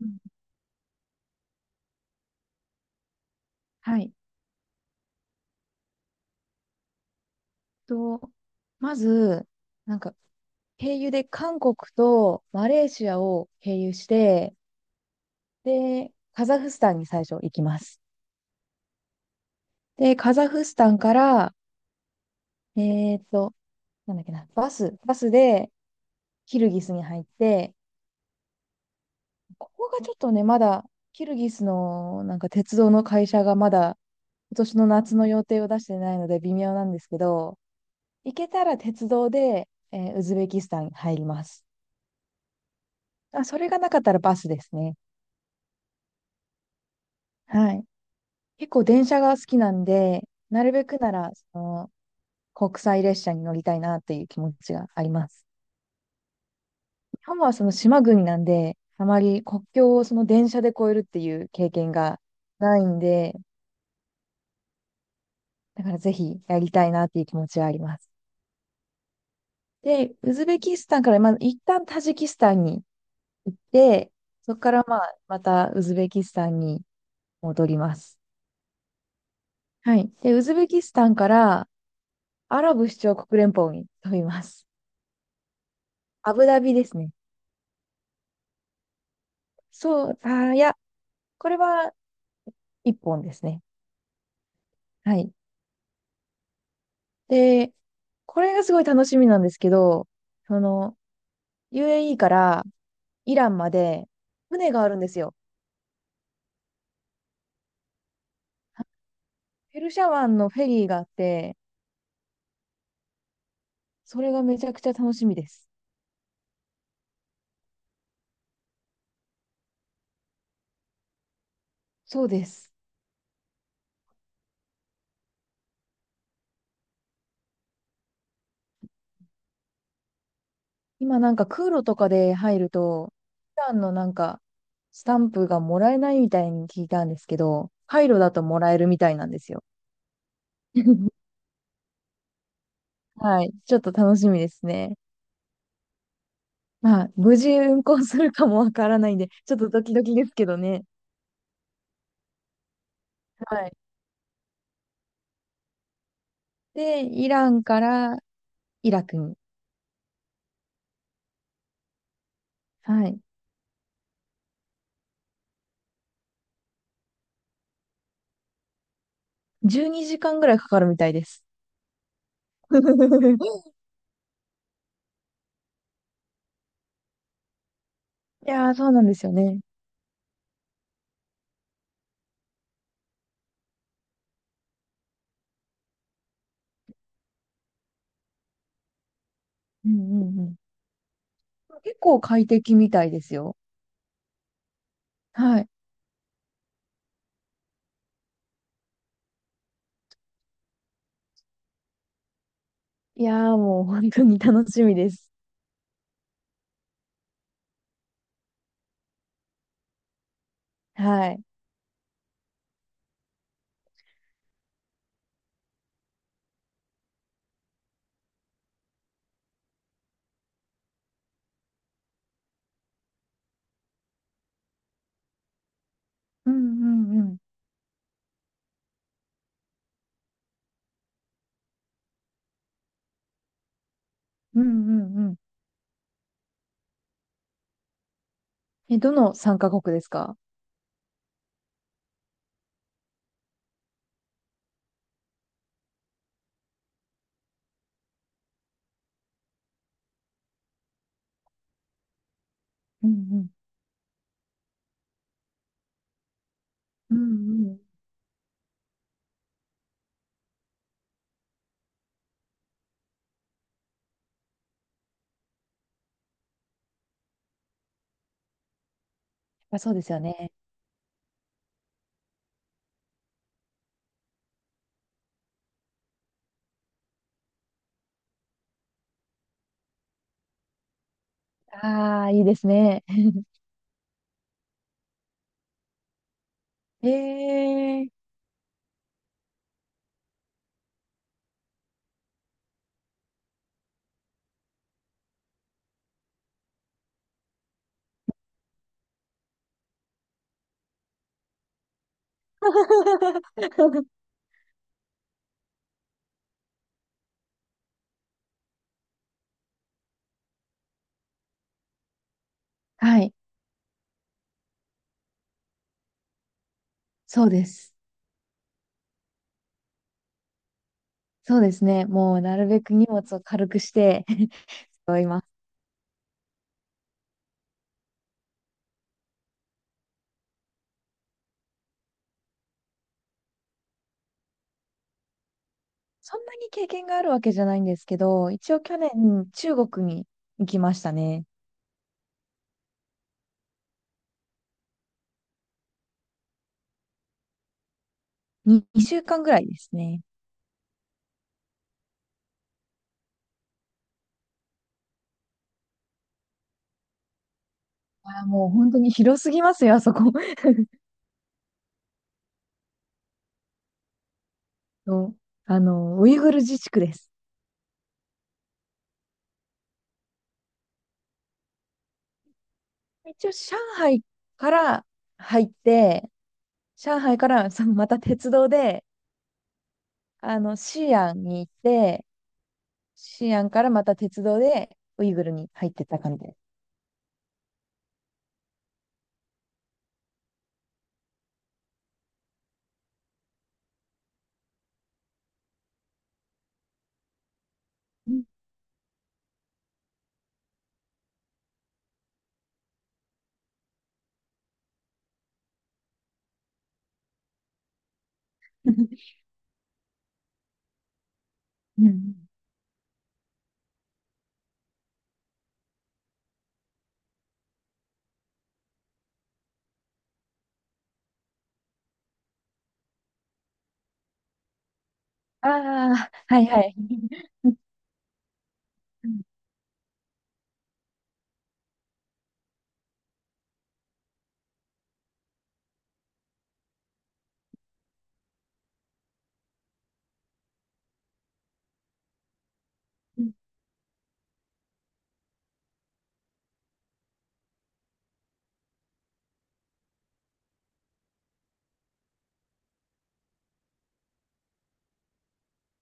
うん。はい。と、まず、なんか、経由で韓国とマレーシアを経由して、で、カザフスタンに最初行きます。で、カザフスタンから、えーっと、なんだっけな、バスでキルギスに入って、ここがちょっとね、まだ、キルギスのなんか鉄道の会社がまだ今年の夏の予定を出してないので微妙なんですけど、行けたら鉄道で、ウズベキスタンに入ります。あ、それがなかったらバスですね。はい。結構電車が好きなんで、なるべくなら、その、国際列車に乗りたいなっていう気持ちがあります。日本はその島国なんで、あまり国境をその電車で越えるっていう経験がないんで、だからぜひやりたいなっていう気持ちはあります。で、ウズベキスタンから、まあ、一旦タジキスタンに行って、そこからまあ、またウズベキスタンに戻ります。はい。で、ウズベキスタンからアラブ首長国連邦に飛びます。アブダビですね。そう、これは一本ですね。はい。で、これがすごい楽しみなんですけど、その、UAE からイランまで船があるんですよ。ペルシャ湾のフェリーがあって、それがめちゃくちゃ楽しみです。そうです。今なんか空路とかで入ると、イランのなんか、スタンプがもらえないみたいに聞いたんですけど、カイロだともらえるみたいなんですよ。はい。ちょっと楽しみですね。まあ、無事運行するかもわからないんで、ちょっとドキドキですけどね。はい。で、イランからイラクに。はい。12時間ぐらいかかるみたいです。いやー、そうなんですよね。うんうんうん。結構快適みたいですよ。はい。いやー、もう本当に楽しみです。はい。うんうんうん。うんうんうん。え、どの参加国ですか？うんうん。うんうん。あ、そうですよね。ああ、いいですね。ええー。はい。そうです。そうですね。もうなるべく荷物を軽くして。 い、そんなに経験があるわけじゃないんですけど、一応去年中国に行きましたね。に2週間ぐらいですね。あー、もう本当に広すぎますよ、あそこ。そう、あの、ウイグル自治区です。一応上海から入って、上海からそのまた鉄道で、あの、西安に行って、西安からまた鉄道でウイグルに入ってった感じです。うん。 うん。ああ、はいはい。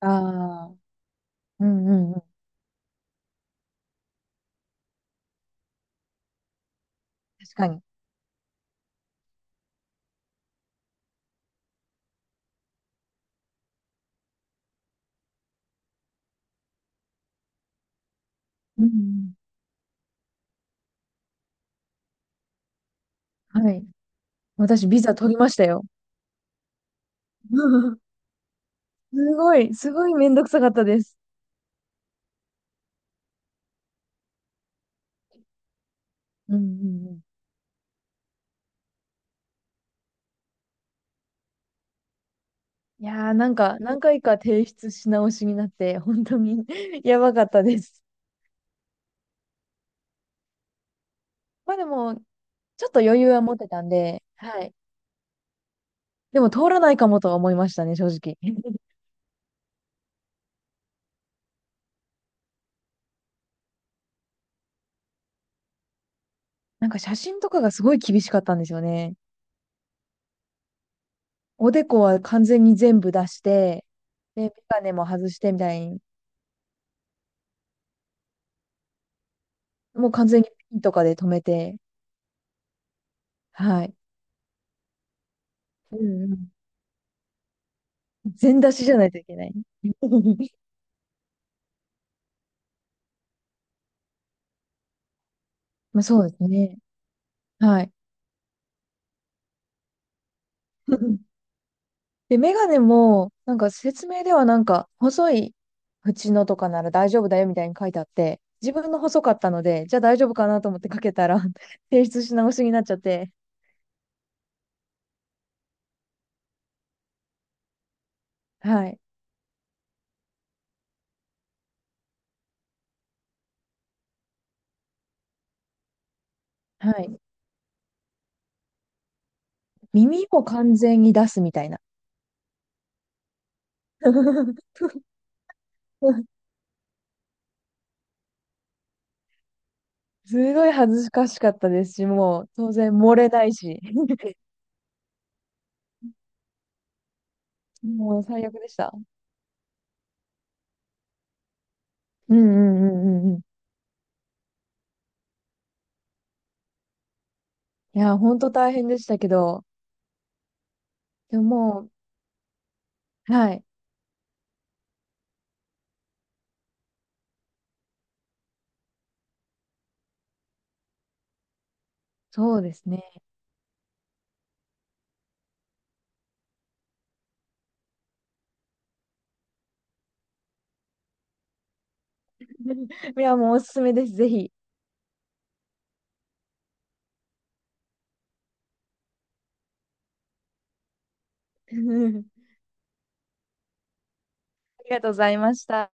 ああ、うんうんうん。確かに。うんうん。はい。私、ビザ取りましたよ。すごい、すごいめんどくさかったです。うんうんうん。いやー、なんか、何回か提出し直しになって、本当に やばかったです。まあでも、ちょっと余裕は持ってたんで、はい。でも、通らないかもとは思いましたね、正直。なんか、写真とかがすごい厳しかったんですよね。おでこは完全に全部出して、で、メガネも外してみたいに、もう完全にピンとかで止めて、はい。うんうん。全出しじゃないといけない。まあ、そうですね。はい。で、メガネも、なんか説明ではなんか、細い縁のとかなら大丈夫だよみたいに書いてあって、自分の細かったので、じゃあ大丈夫かなと思ってかけたら 提出し直しになっちゃって、はい。はい。耳も完全に出すみたいな。すごい恥ずかしかったですし、もう当然漏れないし、もう最悪でした。うんうんうんうんうん。いや、本当大変でしたけど、でももう、はい、そうですね。いや、もうおすすめです、ぜひ。ありがとうございました。